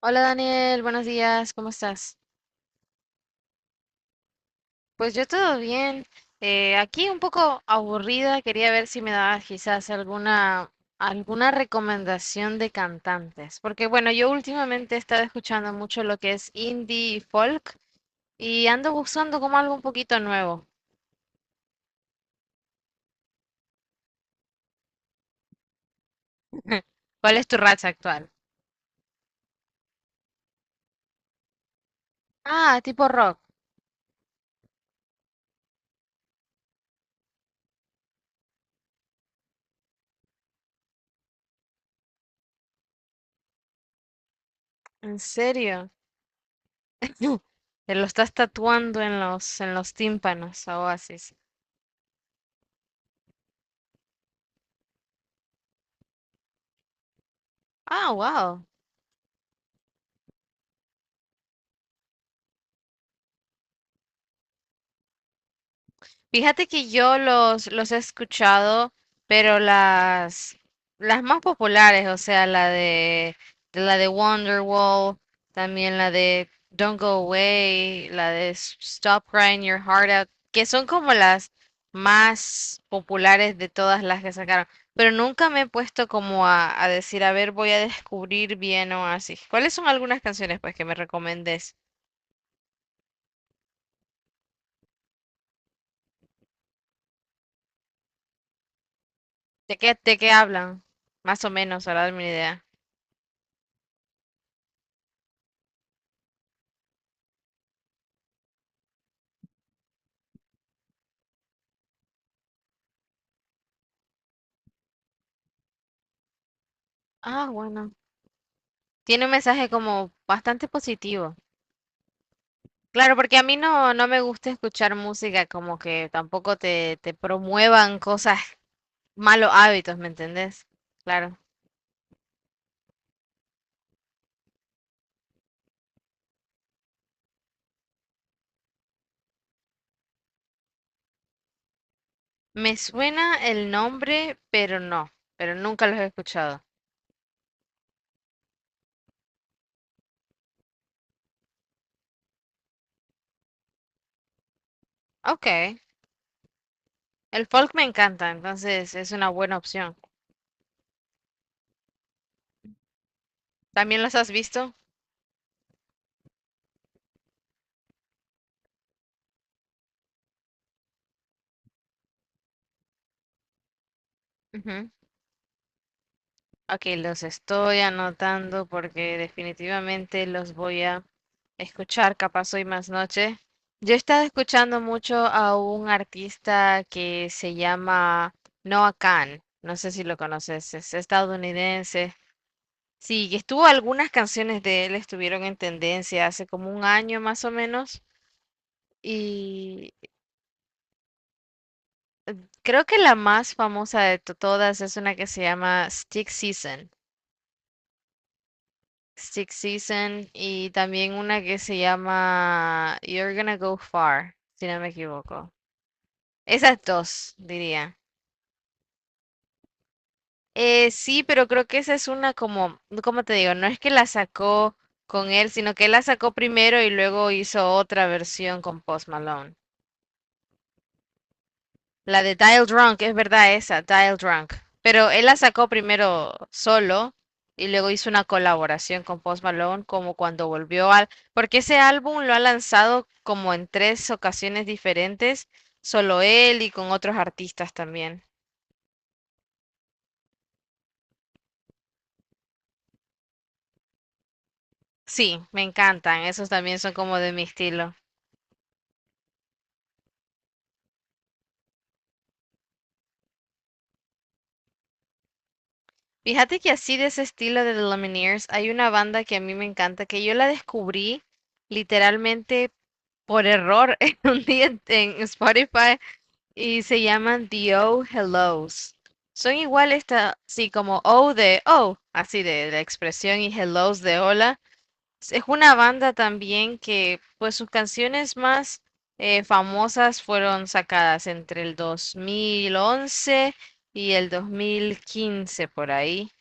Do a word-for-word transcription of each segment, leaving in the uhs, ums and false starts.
Hola Daniel, buenos días, ¿cómo estás? Pues yo todo bien. Eh, aquí un poco aburrida, quería ver si me dabas quizás alguna, alguna recomendación de cantantes, porque bueno, yo últimamente he estado escuchando mucho lo que es indie y folk, y ando buscando como algo un poquito nuevo. ¿Cuál es tu racha actual? Ah, tipo rock. ¿En serio? Te lo estás tatuando en los, en los tímpanos, a Oasis. Ah, wow. Fíjate que yo los, los he escuchado, pero las, las más populares, o sea, la de, de la de Wonderwall, también la de Don't Go Away, la de S- Stop Crying Your Heart Out, que son como las más populares de todas las que sacaron. Pero nunca me he puesto como a, a decir, a ver, voy a descubrir bien o así. ¿Cuáles son algunas canciones pues que me recomendes? ¿De qué, de qué hablan? Más o menos, para darme una idea. Ah, bueno. Tiene un mensaje como bastante positivo. Claro, porque a mí no, no me gusta escuchar música como que tampoco te, te promuevan cosas, malos hábitos, ¿me entendés? Claro. Me suena el nombre, pero no, pero nunca los he escuchado. Ok. El folk me encanta, entonces es una buena opción. ¿También los has visto? Ujú. Ok, los estoy anotando porque definitivamente los voy a escuchar, capaz hoy más noche. Yo he estado escuchando mucho a un artista que se llama Noah Kahan, no sé si lo conoces, es estadounidense. Sí, que estuvo algunas canciones de él estuvieron en tendencia hace como un año más o menos, y creo que la más famosa de to- todas es una que se llama Stick Season. Six Season, y también una que se llama You're Gonna Go Far, si no me equivoco. Esas dos, diría. Eh, sí, pero creo que esa es una como, ¿cómo te digo? No es que la sacó con él, sino que él la sacó primero y luego hizo otra versión con Post Malone. La de Dial Drunk, es verdad esa, Dial Drunk. Pero él la sacó primero solo y luego hizo una colaboración con Post Malone como cuando volvió al... Porque ese álbum lo ha lanzado como en tres ocasiones diferentes, solo él y con otros artistas también. Sí, me encantan, esos también son como de mi estilo. Fíjate que así de ese estilo de The Lumineers hay una banda que a mí me encanta, que yo la descubrí literalmente por error en un día en en Spotify, y se llaman The Oh Hellos. Son iguales así como Oh de Oh, así de, la expresión, y Hellos de Hola. Es una banda también que, pues sus canciones más eh, famosas fueron sacadas entre el dos mil once y el dos mil quince por ahí.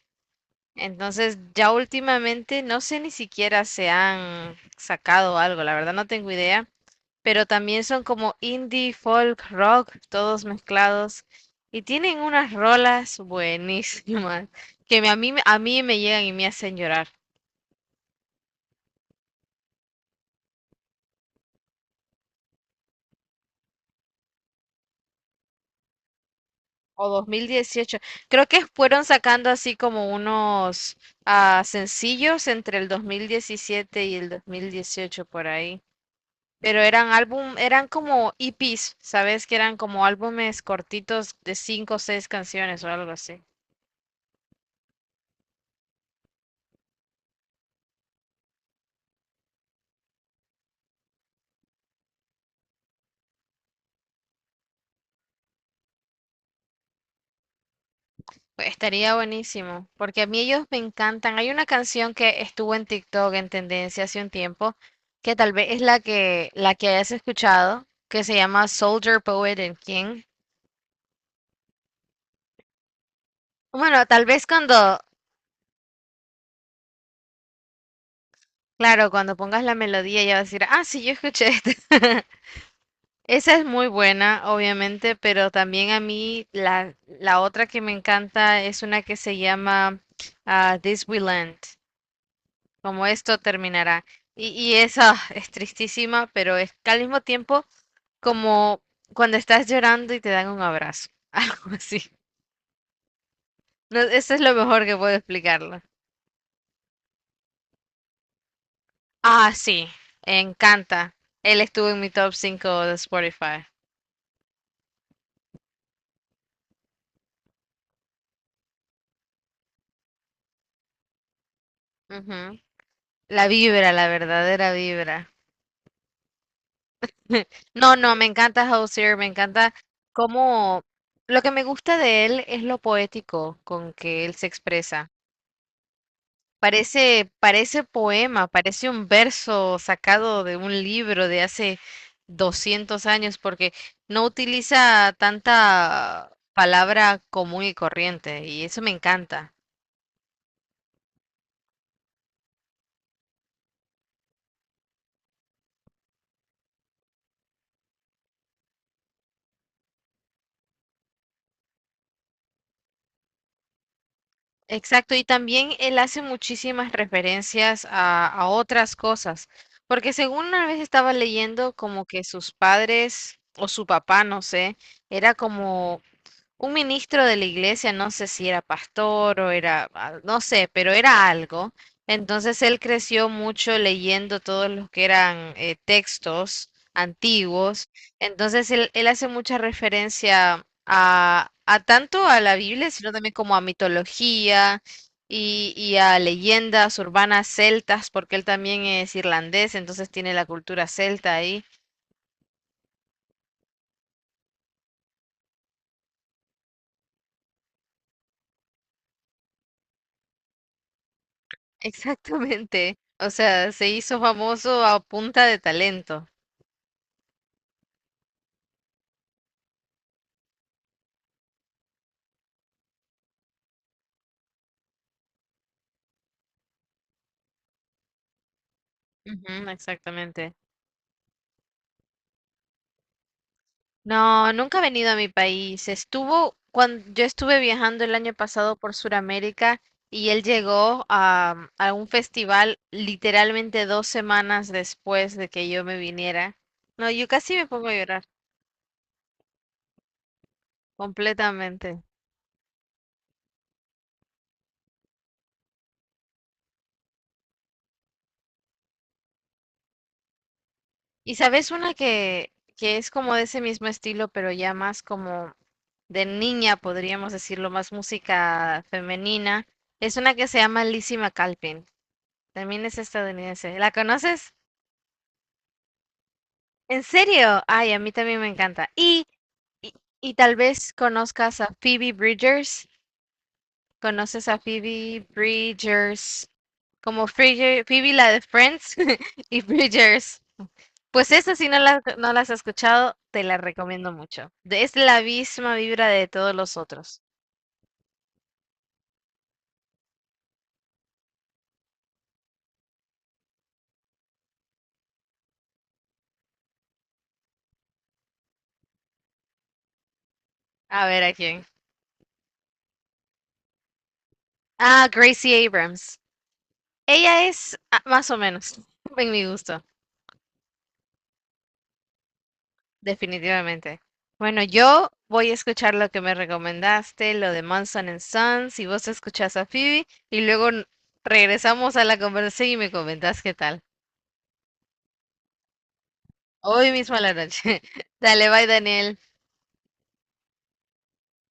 Entonces ya últimamente no sé ni siquiera se han sacado algo, la verdad no tengo idea, pero también son como indie, folk, rock, todos mezclados. Y tienen unas rolas buenísimas que me- a mí, me- a mí me llegan y me hacen llorar. O dos mil dieciocho. Creo que fueron sacando así como unos ah, sencillos entre el dos mil diecisiete y el dos mil dieciocho por ahí. Pero eran álbum, eran como E Pes, ¿sabes? Que eran como álbumes cortitos de cinco o seis canciones o algo así. Estaría buenísimo, porque a mí ellos me encantan. Hay una canción que estuvo en TikTok en tendencia hace un tiempo, que tal vez es la que la que hayas escuchado, que se llama Soldier Poet and King. Bueno, tal vez cuando, claro, cuando pongas la melodía ya vas a decir, ah, sí, yo escuché esta. Esa es muy buena, obviamente, pero también a mí la, la otra que me encanta es una que se llama ah, This We Land. Como esto terminará. Y, y eso ah, es tristísima, pero es que al mismo tiempo como cuando estás llorando y te dan un abrazo, algo así. No, eso es lo mejor que puedo explicarlo. Ah, sí, encanta. Él estuvo en mi top cinco de Spotify. Ujú. La vibra, la verdadera vibra. No, no, me encanta Hozier, me encanta cómo... Lo que me gusta de él es lo poético con que él se expresa. Parece, parece poema, parece un verso sacado de un libro de hace doscientos años, porque no utiliza tanta palabra común y corriente, y eso me encanta. Exacto, y también él hace muchísimas referencias a, a otras cosas, porque según una vez estaba leyendo como que sus padres o su papá, no sé, era como un ministro de la iglesia, no sé si era pastor o era, ah, no sé, pero era algo. Entonces él creció mucho leyendo todos los que eran eh, textos antiguos. Entonces él, él hace mucha referencia a, a tanto a la Biblia, sino también como a mitología y, y a leyendas urbanas celtas, porque él también es irlandés, entonces tiene la cultura celta ahí. Exactamente. O sea, se hizo famoso a punta de talento. Ujú, exactamente. No, nunca ha venido a mi país. Estuvo cuando yo estuve viajando el año pasado por Sudamérica, y él llegó a, mm, a un festival literalmente dos semanas después de que yo me viniera. No, yo casi me pongo a llorar completamente. Y sabes una que, que es como de ese mismo estilo, pero ya más como de niña, podríamos decirlo, más música femenina. Es una que se llama Lizzie McAlpin. También es estadounidense. ¿La conoces? ¿En serio? Ay, a mí también me encanta. Y, y, y tal vez conozcas a Phoebe Bridgers. ¿Conoces a Phoebe Bridgers? Como Phoebe, Phoebe la de Friends y Bridgers. Pues esa si no la, no las has escuchado, te la recomiendo mucho. De- Es la misma vibra de todos los otros. A ver a quién. Ah, Gracie Abrams. Ella es ah, más o menos en mi gusto. Definitivamente. Bueno, yo voy a escuchar lo que me recomendaste, lo de Manson and Sons, y vos escuchás a Phoebe, y luego n- regresamos a la conversación y me comentás qué tal. Hoy mismo a la noche. Dale, bye, Daniel.